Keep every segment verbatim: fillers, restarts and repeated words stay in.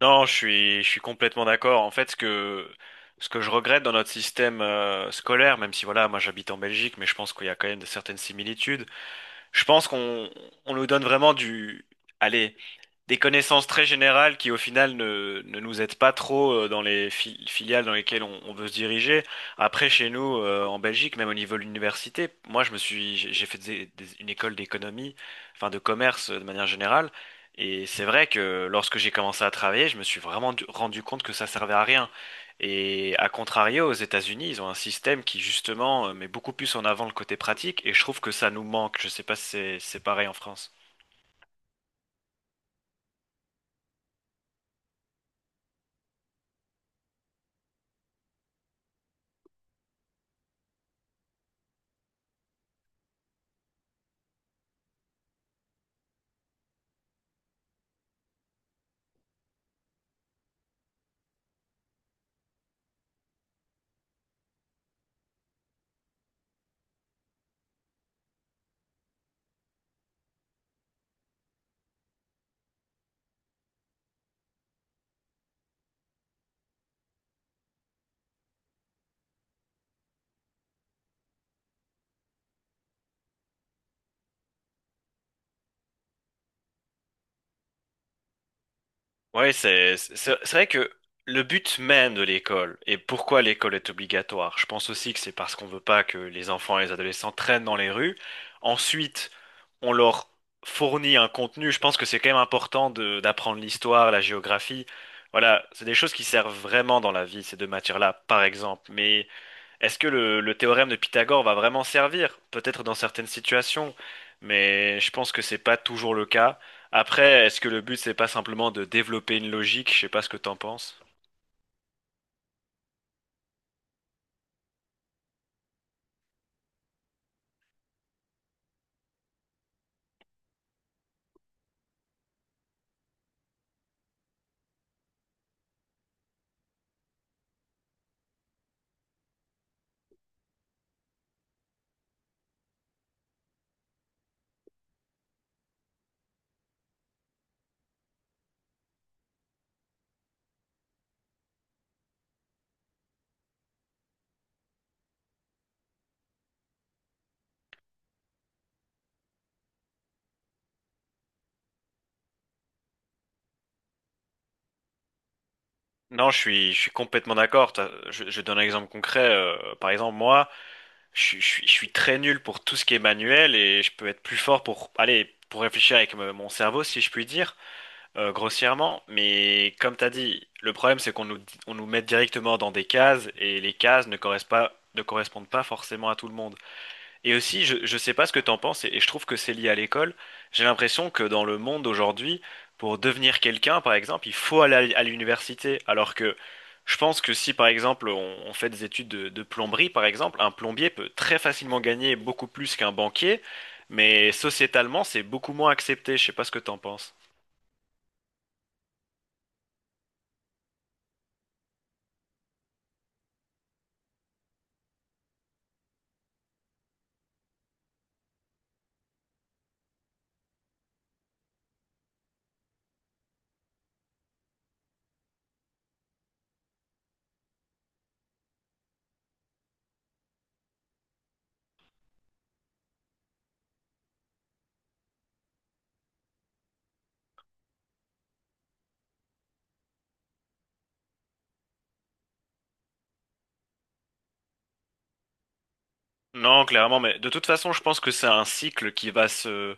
Non, je suis, je suis complètement d'accord. En fait, ce que, ce que je regrette dans notre système euh, scolaire, même si voilà, moi j'habite en Belgique, mais je pense qu'il y a quand même de certaines similitudes. Je pense qu'on, on nous donne vraiment du, allez, des connaissances très générales qui au final ne, ne nous aident pas trop euh, dans les fi- filiales dans lesquelles on, on veut se diriger. Après, chez nous, euh, en Belgique, même au niveau de l'université, moi je me suis, j'ai j'ai fait des- des- une école d'économie, enfin de commerce euh, de manière générale. Et c'est vrai que lorsque j'ai commencé à travailler, je me suis vraiment du- rendu compte que ça servait à rien. Et à contrario, aux États-Unis, ils ont un système qui justement euh, met beaucoup plus en avant le côté pratique, et je trouve que ça nous manque. Je sais pas si c'est c'est pareil en France. Oui, c'est c'est c'est vrai que le but même de l'école et pourquoi l'école est obligatoire, je pense aussi que c'est parce qu'on veut pas que les enfants et les adolescents traînent dans les rues. Ensuite, on leur fournit un contenu. Je pense que c'est quand même important de d'apprendre l'histoire, la géographie. Voilà, c'est des choses qui servent vraiment dans la vie, ces deux matières-là, par exemple. Mais est-ce que le, le théorème de Pythagore va vraiment servir? Peut-être dans certaines situations, mais je pense que c'est pas toujours le cas. Après, est-ce que le but c'est pas simplement de développer une logique? Je sais pas ce que t'en penses. Non, je suis, je suis complètement d'accord. T'as- Je, je donne un exemple concret. Euh, par exemple, moi, je, suis je suis- je suis très nul pour tout ce qui est manuel et je peux être plus fort pour, allez, pour réfléchir avec me- mon cerveau, si je puis dire. Euh, grossièrement, mais comme t'as dit, le problème c'est qu'on nous, dit- on nous met directement dans des cases et les cases ne correspondent pas, ne correspondent pas forcément à tout le monde. Et aussi, je, je sais pas ce que t'en penses et, et je trouve que c'est lié à l'école. J'ai l'impression que dans le monde aujourd'hui, pour devenir quelqu'un, par exemple, il faut aller à, l- à l'université. Alors que je pense que si, par exemple, on, on fait des études de, de plomberie, par exemple, un plombier peut très facilement gagner beaucoup plus qu'un banquier, mais sociétalement, c'est beaucoup moins accepté. Je sais pas ce que t'en penses. Non, clairement, mais de toute façon, je pense que c'est un cycle qui va se,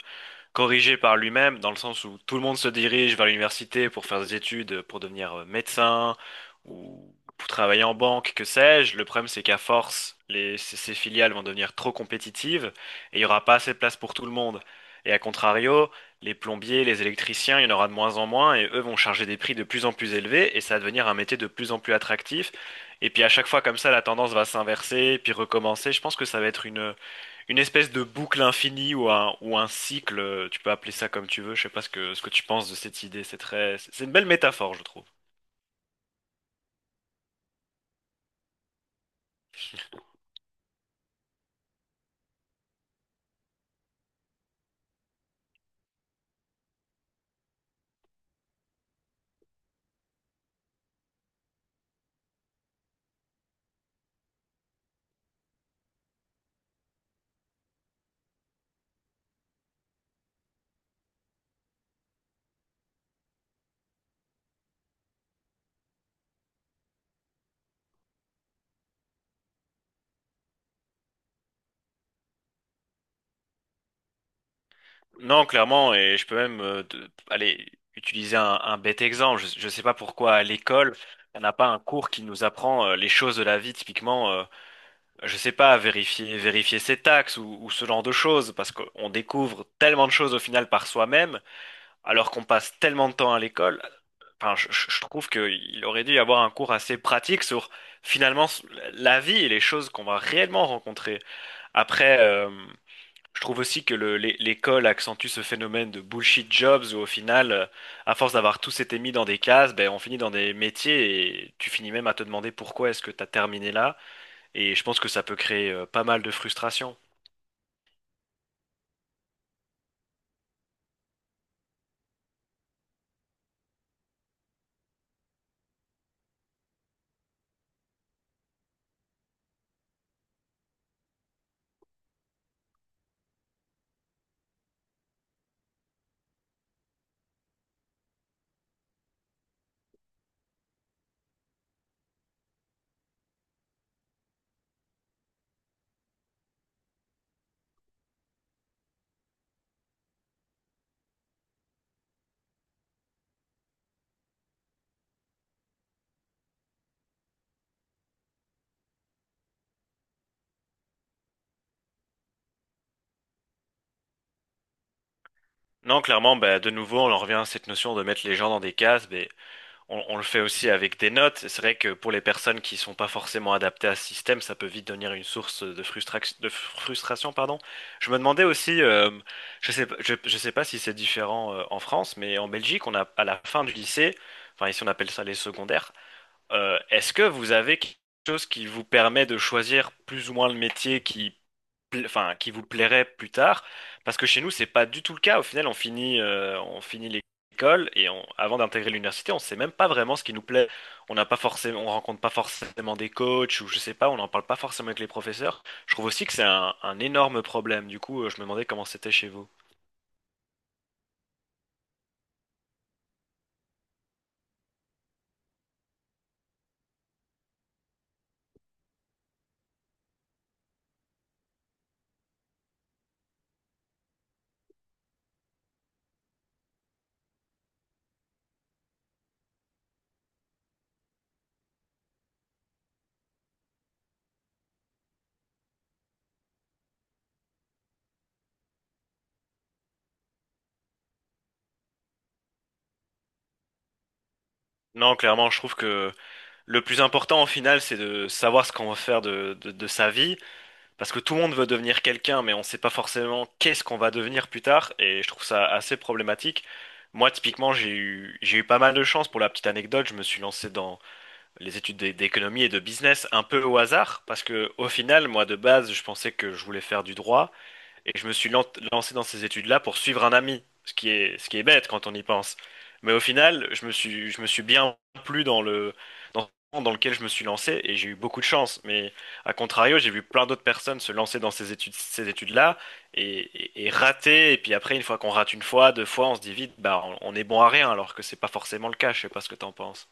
corrigé par lui-même, dans le sens où tout le monde se dirige vers l'université pour faire des études, pour devenir euh, médecin ou pour travailler en banque, que sais-je. Le problème, c'est qu'à force, les, ces ces filiales vont devenir trop compétitives et il n'y aura pas assez de place pour tout le monde. Et à contrario, les plombiers, les électriciens, il y en aura de moins en moins et eux vont charger des prix de plus en plus élevés et ça va devenir un métier de plus en plus attractif. Et puis à chaque fois comme ça, la tendance va s'inverser, puis recommencer. Je pense que ça va être une, une espèce de boucle infinie ou un, ou un cycle, euh, tu peux appeler ça comme tu veux, je sais pas ce que, ce que tu penses de cette idée, c'est très, c'est une belle métaphore, je trouve. Non, clairement, et je peux même euh, te- aller utiliser un, un bête exemple, je, je sais pas pourquoi à l'école, on n'a pas un cours qui nous apprend euh, les choses de la vie, typiquement, euh, je sais pas, vérifier, vérifier ses taxes ou, ou ce genre de choses, parce qu'on découvre tellement de choses au final par soi-même, alors qu'on passe tellement de temps à l'école. Enfin, je, je- je trouve qu'il aurait dû y avoir un cours assez pratique sur finalement s- la vie et les choses qu'on va réellement rencontrer. Après, euh, je trouve aussi que le- l'é- l'école accentue ce phénomène de bullshit jobs où au final, euh, à force d'avoir tous été mis dans des cases, ben, on finit dans des métiers et tu finis même à te demander pourquoi est-ce que tu as terminé là. Et je pense que ça peut créer euh, pas mal de frustration. Non, clairement, ben, de nouveau, on en revient à cette notion de mettre les gens dans des cases. Ben, On, on le fait aussi avec des notes. C'est vrai que pour les personnes qui sont pas forcément adaptées à ce système, ça peut vite devenir une source de frustration, de fr- frustration, pardon. Je me demandais aussi, euh, je sais, pas- je, je sais pas si c'est différent euh, en France, mais en Belgique, on a à la fin du lycée, enfin ici on appelle ça les secondaires. Euh, est-ce que vous avez quelque chose qui vous permet de choisir plus ou moins le métier qui pla- enfin, qui vous plairait plus tard, parce que chez nous, c'est pas du tout le cas. Au final, on finit, euh, on finit l'école et on, avant d'intégrer l'université, on sait même pas vraiment ce qui nous plaît. On n'a pas forcément, on rencontre pas forcément des coachs ou je sais pas, on n'en parle pas forcément avec les professeurs. Je trouve aussi que c'est un, un énorme problème. Du coup, euh, je me demandais comment c'était chez vous. Non, clairement, je trouve que le plus important au final, c'est de savoir ce qu'on veut faire de, de, de sa vie. Parce que tout le monde veut devenir quelqu'un, mais on ne sait pas forcément qu'est-ce qu'on va devenir plus tard, et je trouve ça assez problématique. Moi, typiquement, j'ai eu, j'ai eu pas mal de chance. Pour la petite anecdote, je me suis lancé dans les études d'é- d'économie et de business un peu au hasard, parce que au final, moi, de base, je pensais que je voulais faire du droit. Et je me suis lan- lancé dans ces études-là pour suivre un ami, ce qui est, ce qui est bête quand on y pense. Mais au final, je me suis, je me suis bien plu dans le, dans, dans lequel je me suis lancé et j'ai eu beaucoup de chance. Mais à contrario, j'ai vu plein d'autres personnes se lancer dans ces études, ces études-là et, et, et rater. Et puis après, une fois qu'on rate une fois, deux fois, on se dit vite, bah, on, on est bon à rien, alors que c'est pas forcément le cas. Je sais pas ce que t'en penses.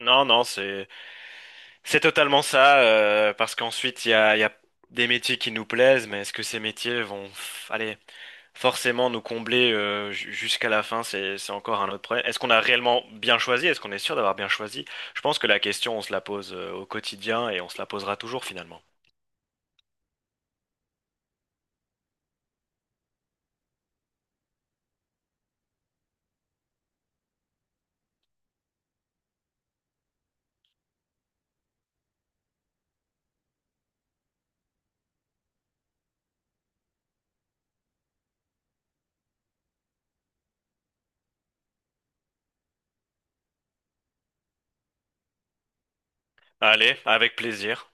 Non, non, c'est, c'est totalement ça, euh, parce qu'ensuite, il y a, il y a des métiers qui nous plaisent, mais est-ce que ces métiers vont, f- allez, forcément, nous combler euh, ju- jusqu'à la fin, c'est c'est encore un autre problème. Est-ce qu'on a réellement bien choisi? Est-ce qu'on est sûr d'avoir bien choisi? Je pense que la question, on se la pose euh, au quotidien et on se la posera toujours finalement. Allez, avec plaisir.